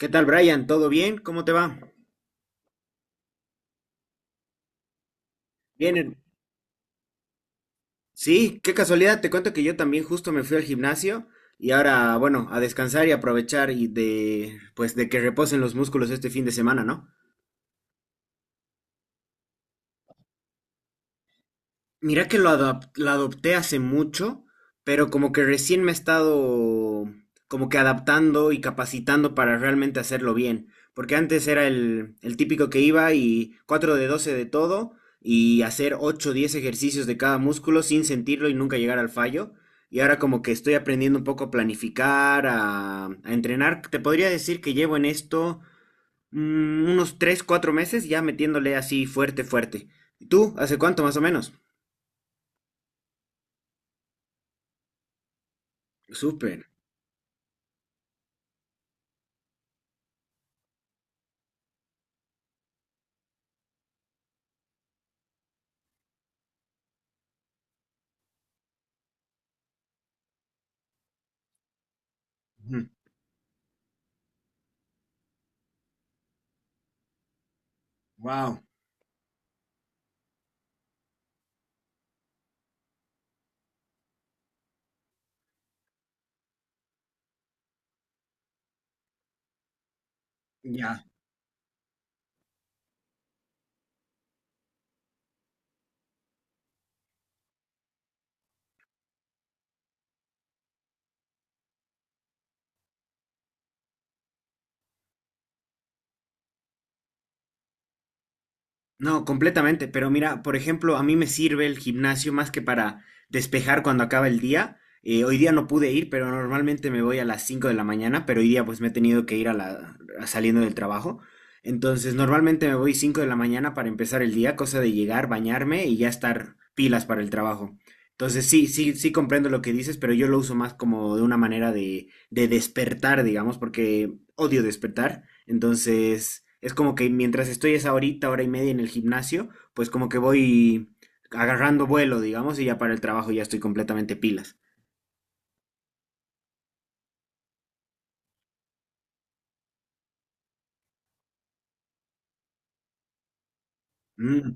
¿Qué tal, Brian? ¿Todo bien? ¿Cómo te va? Bien. Sí, qué casualidad. Te cuento que yo también justo me fui al gimnasio y ahora, bueno, a descansar y aprovechar y de que reposen los músculos este fin de semana, ¿no? Mira que la adopté hace mucho, pero como que recién me he estado como que adaptando y capacitando para realmente hacerlo bien. Porque antes era el típico que iba y 4 de 12 de todo y hacer 8, o 10 ejercicios de cada músculo sin sentirlo y nunca llegar al fallo. Y ahora como que estoy aprendiendo un poco a planificar, a entrenar. Te podría decir que llevo en esto unos 3, 4 meses ya metiéndole así fuerte, fuerte. ¿Y tú? ¿Hace cuánto más o menos? Súper. Ujú. Wow. Ya. No, completamente. Pero mira, por ejemplo, a mí me sirve el gimnasio más que para despejar cuando acaba el día. Hoy día no pude ir, pero normalmente me voy a las 5 de la mañana, pero hoy día pues me he tenido que ir a saliendo del trabajo. Entonces, normalmente me voy 5 de la mañana para empezar el día, cosa de llegar, bañarme y ya estar pilas para el trabajo. Entonces, sí comprendo lo que dices, pero yo lo uso más como de una manera de despertar, digamos, porque odio despertar, entonces es como que mientras estoy esa horita, hora y media en el gimnasio, pues como que voy agarrando vuelo, digamos, y ya para el trabajo ya estoy completamente pilas. Mm,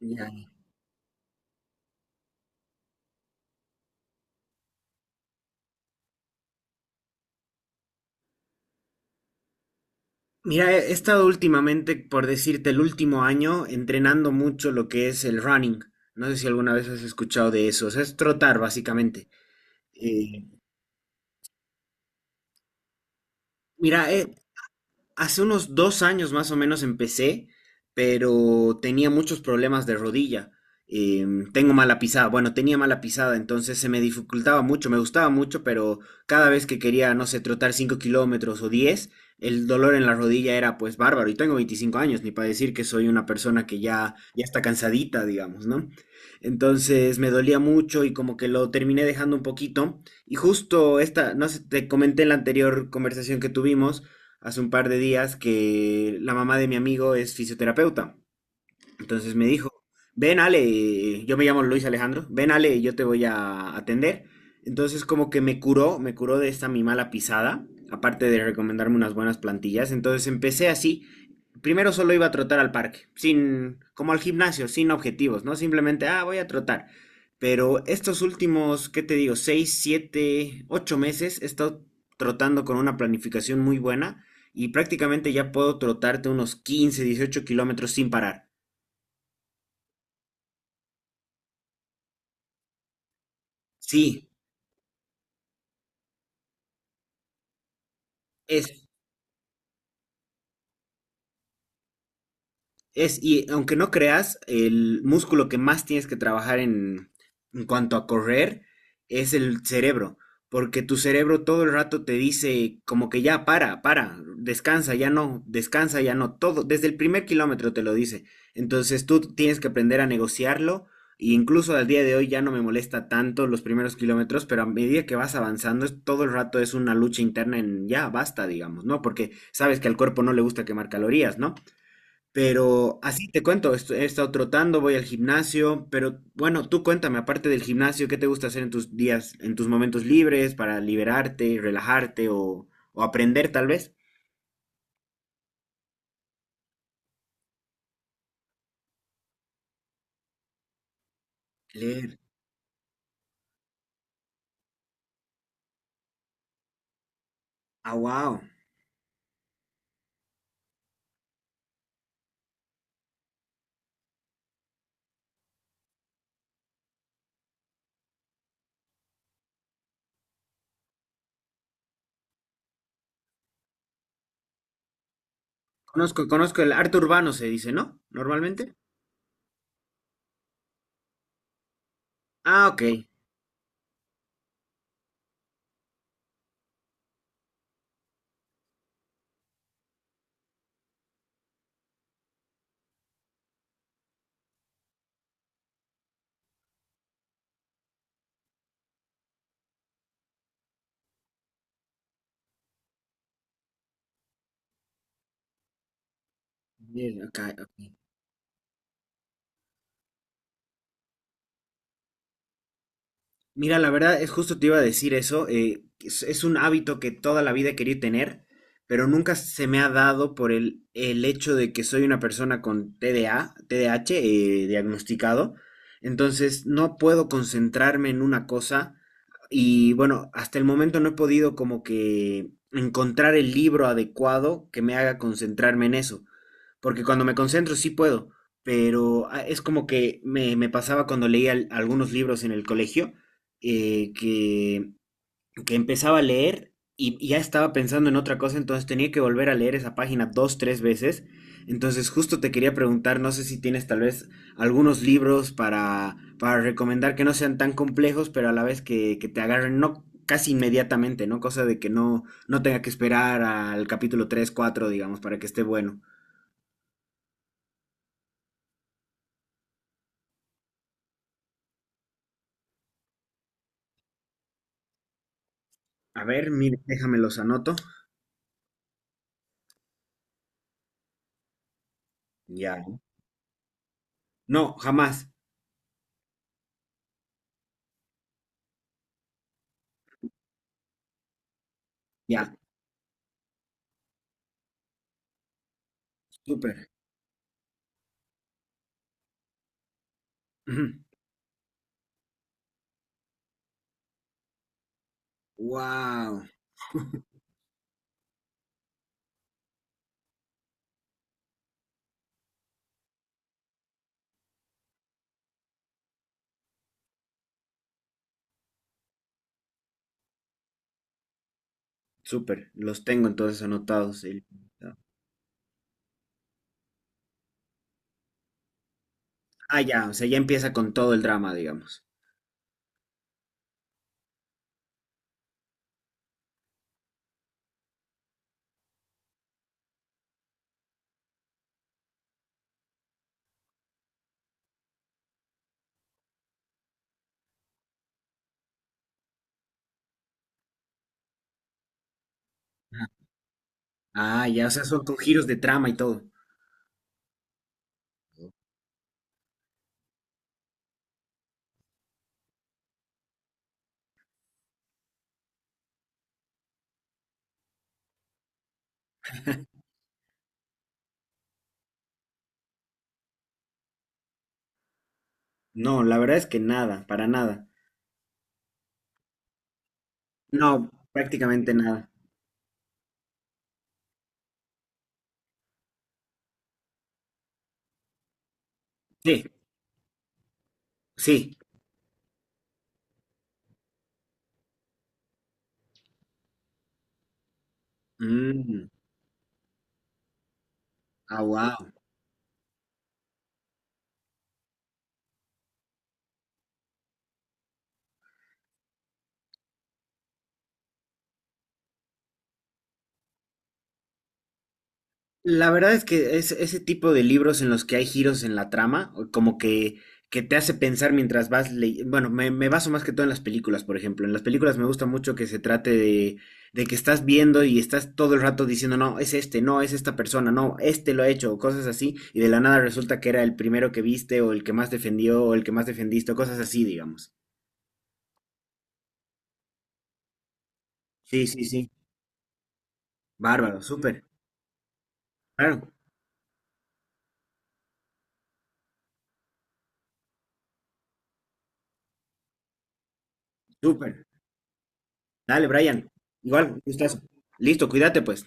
ya. Mira, he estado últimamente, por decirte, el último año entrenando mucho lo que es el running. No sé si alguna vez has escuchado de eso, o sea, es trotar básicamente. Eh, mira, he, Hace unos dos años más o menos empecé, pero tenía muchos problemas de rodilla. Eh, Tengo mala pisada, bueno, tenía mala pisada, entonces se me dificultaba mucho, me gustaba mucho, pero cada vez que quería, no sé, trotar 5 kilómetros o 10, el dolor en la rodilla era pues bárbaro. Y tengo 25 años, ni para decir que soy una persona que ya está cansadita, digamos, ¿no? Entonces me dolía mucho y como que lo terminé dejando un poquito. Y justo esta, no sé, te comenté en la anterior conversación que tuvimos hace un par de días que la mamá de mi amigo es fisioterapeuta. Entonces me dijo, ven Ale, yo me llamo Luis Alejandro, ven Ale, yo te voy a atender. Entonces como que me curó de esta mi mala pisada, aparte de recomendarme unas buenas plantillas. Entonces empecé así, primero solo iba a trotar al parque, sin, como al gimnasio, sin objetivos, ¿no? Simplemente, ah, voy a trotar. Pero estos últimos, ¿qué te digo? Seis, siete, ocho meses he estado trotando con una planificación muy buena y prácticamente ya puedo trotarte unos 15, 18 kilómetros sin parar. Sí, es Es, y aunque no creas, el músculo que más tienes que trabajar en cuanto a correr es el cerebro, porque tu cerebro todo el rato te dice como que ya para, descansa, ya no, todo, desde el primer kilómetro te lo dice. Entonces tú tienes que aprender a negociarlo. E incluso al día de hoy ya no me molesta tanto los primeros kilómetros, pero a medida que vas avanzando, todo el rato es una lucha interna en ya basta, digamos, ¿no? Porque sabes que al cuerpo no le gusta quemar calorías, ¿no? Pero así te cuento, he estado trotando, voy al gimnasio, pero bueno, tú cuéntame, aparte del gimnasio, ¿qué te gusta hacer en tus días, en tus momentos libres para liberarte, relajarte o aprender tal vez? Leer. Ah, wow. Conozco, conozco el arte urbano, se dice, ¿no? Normalmente. Ah, ok. Bien, ok. Mira, la verdad es justo te iba a decir eso. Es un hábito que toda la vida he querido tener, pero nunca se me ha dado por el hecho de que soy una persona con TDAH, diagnosticado. Entonces no puedo concentrarme en una cosa y bueno, hasta el momento no he podido como que encontrar el libro adecuado que me haga concentrarme en eso porque cuando me concentro sí puedo, pero ah, es como que me pasaba cuando leía algunos libros en el colegio, eh, que, que empezaba a leer y ya estaba pensando en otra cosa, entonces tenía que volver a leer esa página dos, tres veces. Entonces justo te quería preguntar, no sé si tienes tal vez algunos libros para recomendar que no sean tan complejos, pero a la vez que te agarren, no casi inmediatamente, ¿no? Cosa de que no tenga que esperar al capítulo 3 4 digamos, para que esté bueno. A ver, mire, déjame los anoto. Ya. No, jamás. Ya. Súper. Wow. Súper. Los tengo entonces anotados. El- Ah, ya. O sea, ya empieza con todo el drama, digamos. Ah, ya. O sea, son con giros de trama y todo. No, la verdad es que nada, para nada. No, prácticamente nada. Sí, sí. Mm. Ah, la verdad es que es ese tipo de libros en los que hay giros en la trama, o como que te hace pensar mientras vas leyendo. Bueno, me baso más que todo en las películas, por ejemplo. En las películas me gusta mucho que se trate de que estás viendo y estás todo el rato diciendo, no, es este, no, es esta persona, no, este lo ha hecho, o cosas así, y de la nada resulta que era el primero que viste, o el que más defendió, o el que más defendiste, o cosas así, digamos. Sí. Bárbaro, súper. Claro, súper. Dale, Brian. Igual, gustazo. Listo, cuídate pues.